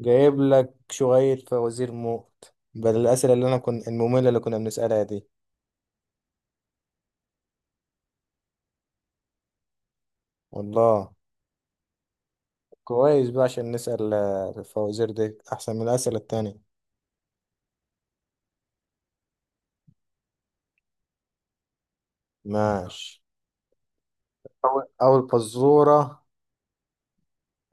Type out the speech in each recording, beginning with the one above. جايب لك شوية فوازير موت بدل الأسئلة اللي أنا كنت المملة اللي كنا بنسألها دي. والله كويس بقى عشان نسأل. الفوازير دي أحسن من الأسئلة التانية. ماشي. أول فزورة.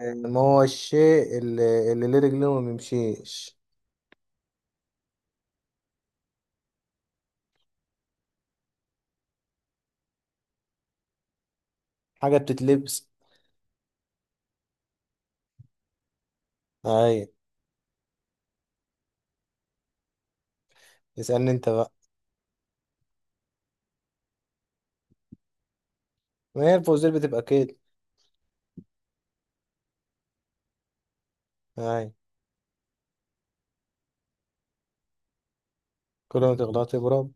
ما هو الشيء اللي ليه رجلين وما بيمشيش؟ حاجة بتتلبس. أي. اسألني أنت بقى. ما هي الفوازير بتبقى كده. أي. كل ما تغلط تبرد.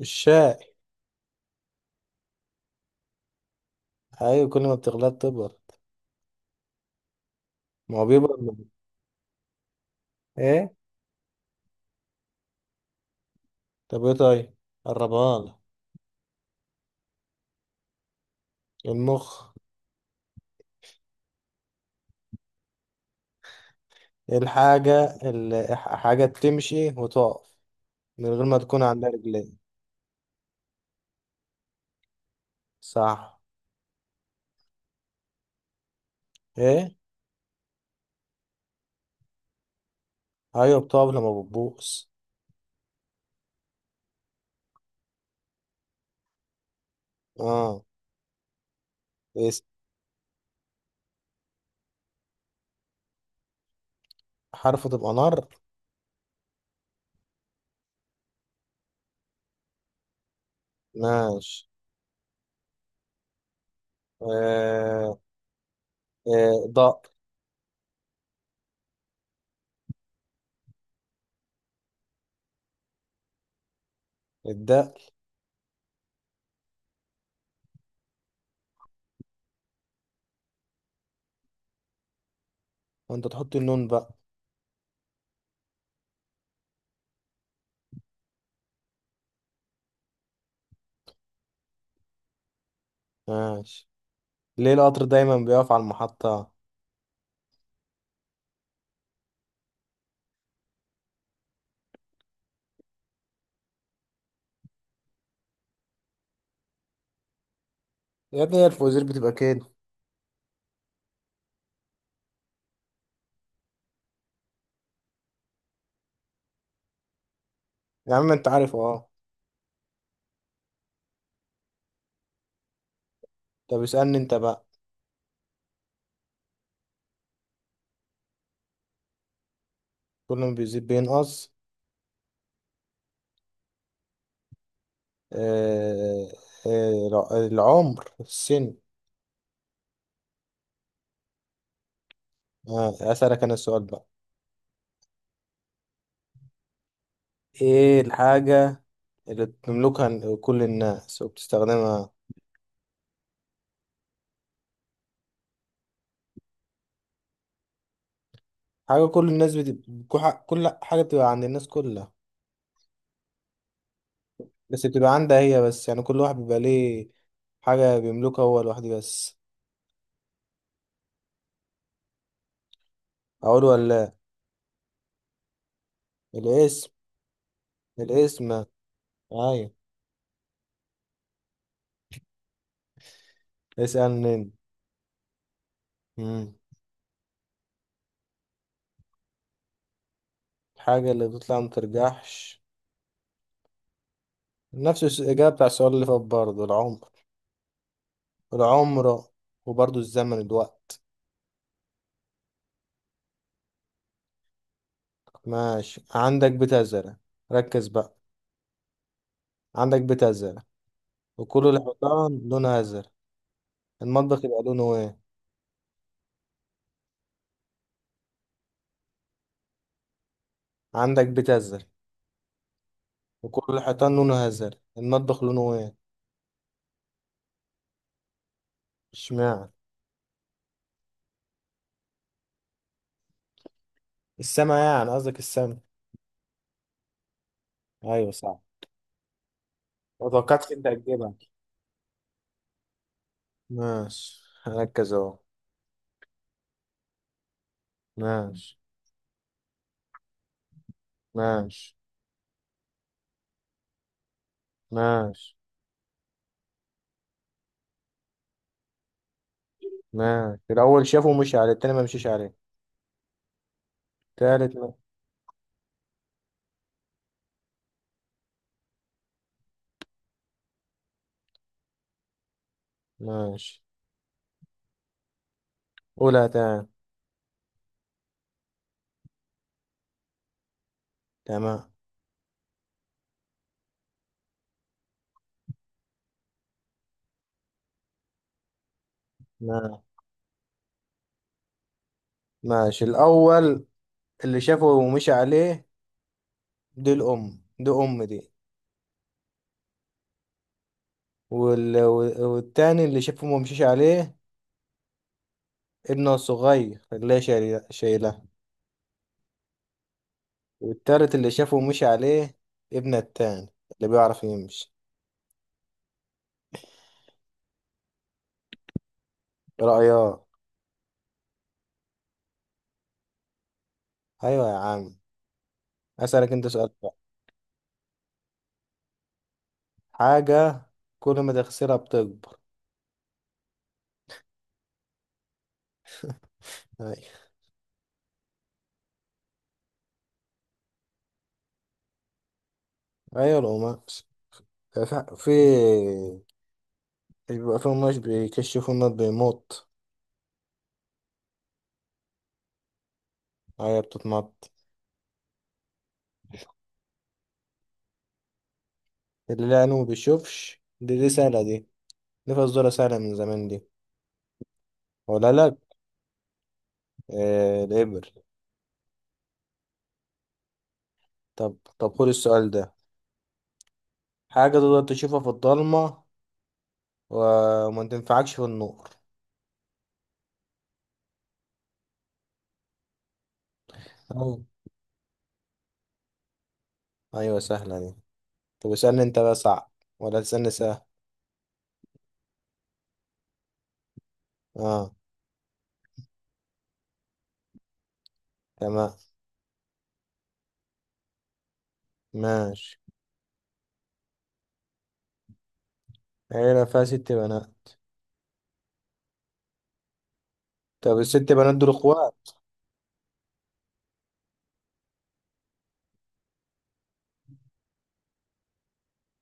الشاي. أيوة، كل ما بتغلط تبرد. ما هو بيبرد من- إيه؟ طب إيه طيب؟ قربها. المخ. الحاجة اللي حاجة بتمشي وتقف من غير ما تكون عندها رجلين. صح. ايه. ايوه بتقف لما بتبوس. اه. اس- حرف تبقى نار. ماشي. آه. آه. دق. الدق. وانت تحط النون بقى. ماشي. ليه القطر دايما بيقف على المحطة؟ يا ابني هي الفوازير بتبقى كده. يا عم انت عارف اه. طب اسألني انت بقى. كل ما بيزيد بينقص. آه. آه. العمر، السن. آه، أسألك أنا السؤال بقى. إيه الحاجة اللي بتملكها كل الناس وبتستخدمها؟ حاجة كل الناس بتبقى، كل حاجة بتبقى عند الناس كلها، بس بتبقى عندها هي بس، يعني كل واحد بيبقى ليه حاجة بيملكها هو لوحده بس. أقول ولا لأ؟ الاسم. الاسم. أيوة. اسألني أنت. مم. الحاجة اللي بتطلع ما ترجعش، نفس الإجابة بتاع السؤال اللي فات برضه، العمر. العمر. وبرضه الزمن، الوقت. ماشي. عندك بتزرع، ركز بقى. عندك بيت أزرق وكل الحيطان لونها أزرق، المطبخ يبقى لونه إيه؟ عندك بيت أزرق وكل الحيطان لونه أزرق، المطبخ لونه إيه؟ اشمعنى؟ السما، يعني قصدك السما. أيوة صح. ما توقعتش أنت هتجيبها. ماشي، هركز أهو. ماشي. ماشي. ماشي. ماشي الأول شافه ومشي عليه، التاني ما مشيش عليه. تالت ما. ماشي. قولها تاني. تمام. ما-. ماشي، الأول اللي شافه ومشي عليه دي الأم، دي أم دي. وال... والتاني اللي شافه ما مشيش عليه، ابنه الصغير خلاه شايلها. والتالت اللي شافه مشي عليه، ابنه التاني اللي بيعرف يمشي. رأياه. أيوة يا عم. أسألك أنت سؤال بقى. حاجة كل ما تغسلها بتكبر. أيوة. أيوة، القماش. في في- بيبقى في قماش بيكشفوا إنه بيموت. أيوة بتتمط. اللي لا عينه ما بيشوفش، دي سهلة دي، دي فزورة سهلة من زمان دي. ولا لأ؟ آه، الإبر. طب طب خد السؤال ده. حاجة تقدر تشوفها في الضلمة وما تنفعكش في النور. أوه. أيوة سهلة دي. طب اسألني أنت بقى صعب ولا تسألني سهل؟ أه. تمام. ماشي. عيلة فيها ست بنات. طب الست بنات دول إخوات.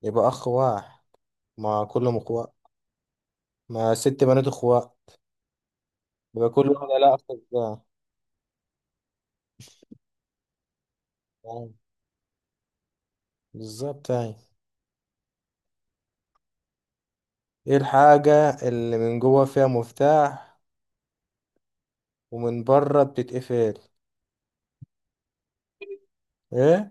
يبقى أخ واحد مع كلهم إخوات، ما ست بنات إخوات يبقى كل واحدة لها أخ بتاع. أيوة، بالظبط أيوة. إيه الحاجة اللي من جوه فيها مفتاح ومن بره بتتقفل؟ إيه؟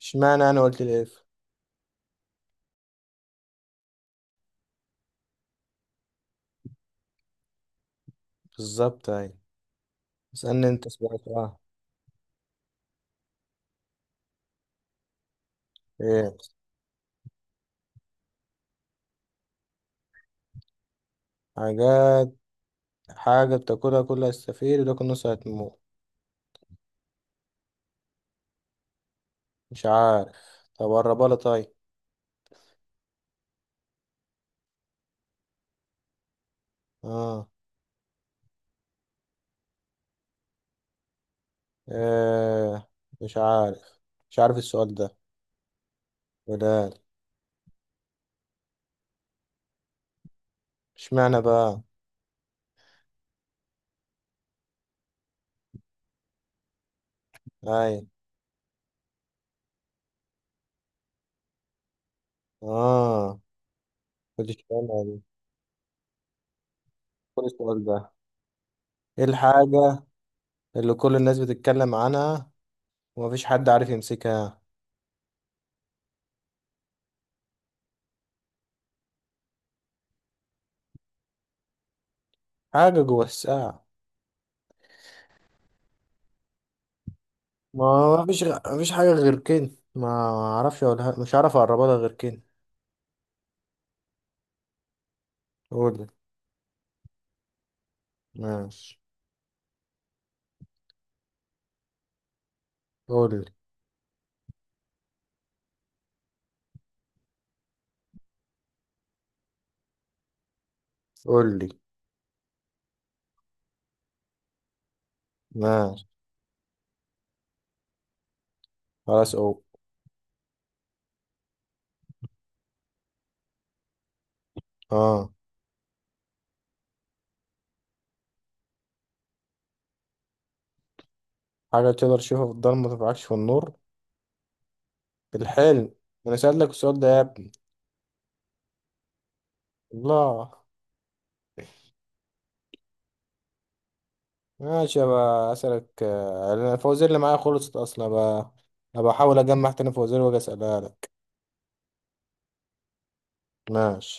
اشمعنى أنا قلت الإيه؟ بالظبط أيوة. اسألني أنت سؤال. آه. إيه؟ حاجات، حاجة بتاكلها كلها السفير وتاكل نصها هتموت. مش عارف. طب قربها لي طيب. آه. إيه؟ مش عارف. مش عارف السؤال ده. ولا. اشمعنى بقى؟ أيوة. آه، كنت فاهمها دي. كل السؤال ده. إيه الحاجة اللي كل الناس بتتكلم عنها ومفيش حد عارف يمسكها؟ حاجة جوه الساعة. ما مفيش غ... مفيش حاجة غير كده، ما اعرفش اقولها، مش عارف اقربها لها غير كده. قولي. ماشي. قولي. قولي. ماشي. خلاص أو. آه. حاجة تقدر تشوفها في الضلمة متنفعكش في النور. الحلم. أنا سألتك السؤال ده يا ابني. الله. ماشي بقى أسألك. أنا الفوازير اللي معايا خلصت أصلا بقى، أبقى أحاول أجمع تاني فوازير وأجي أسألها لك. ماشي.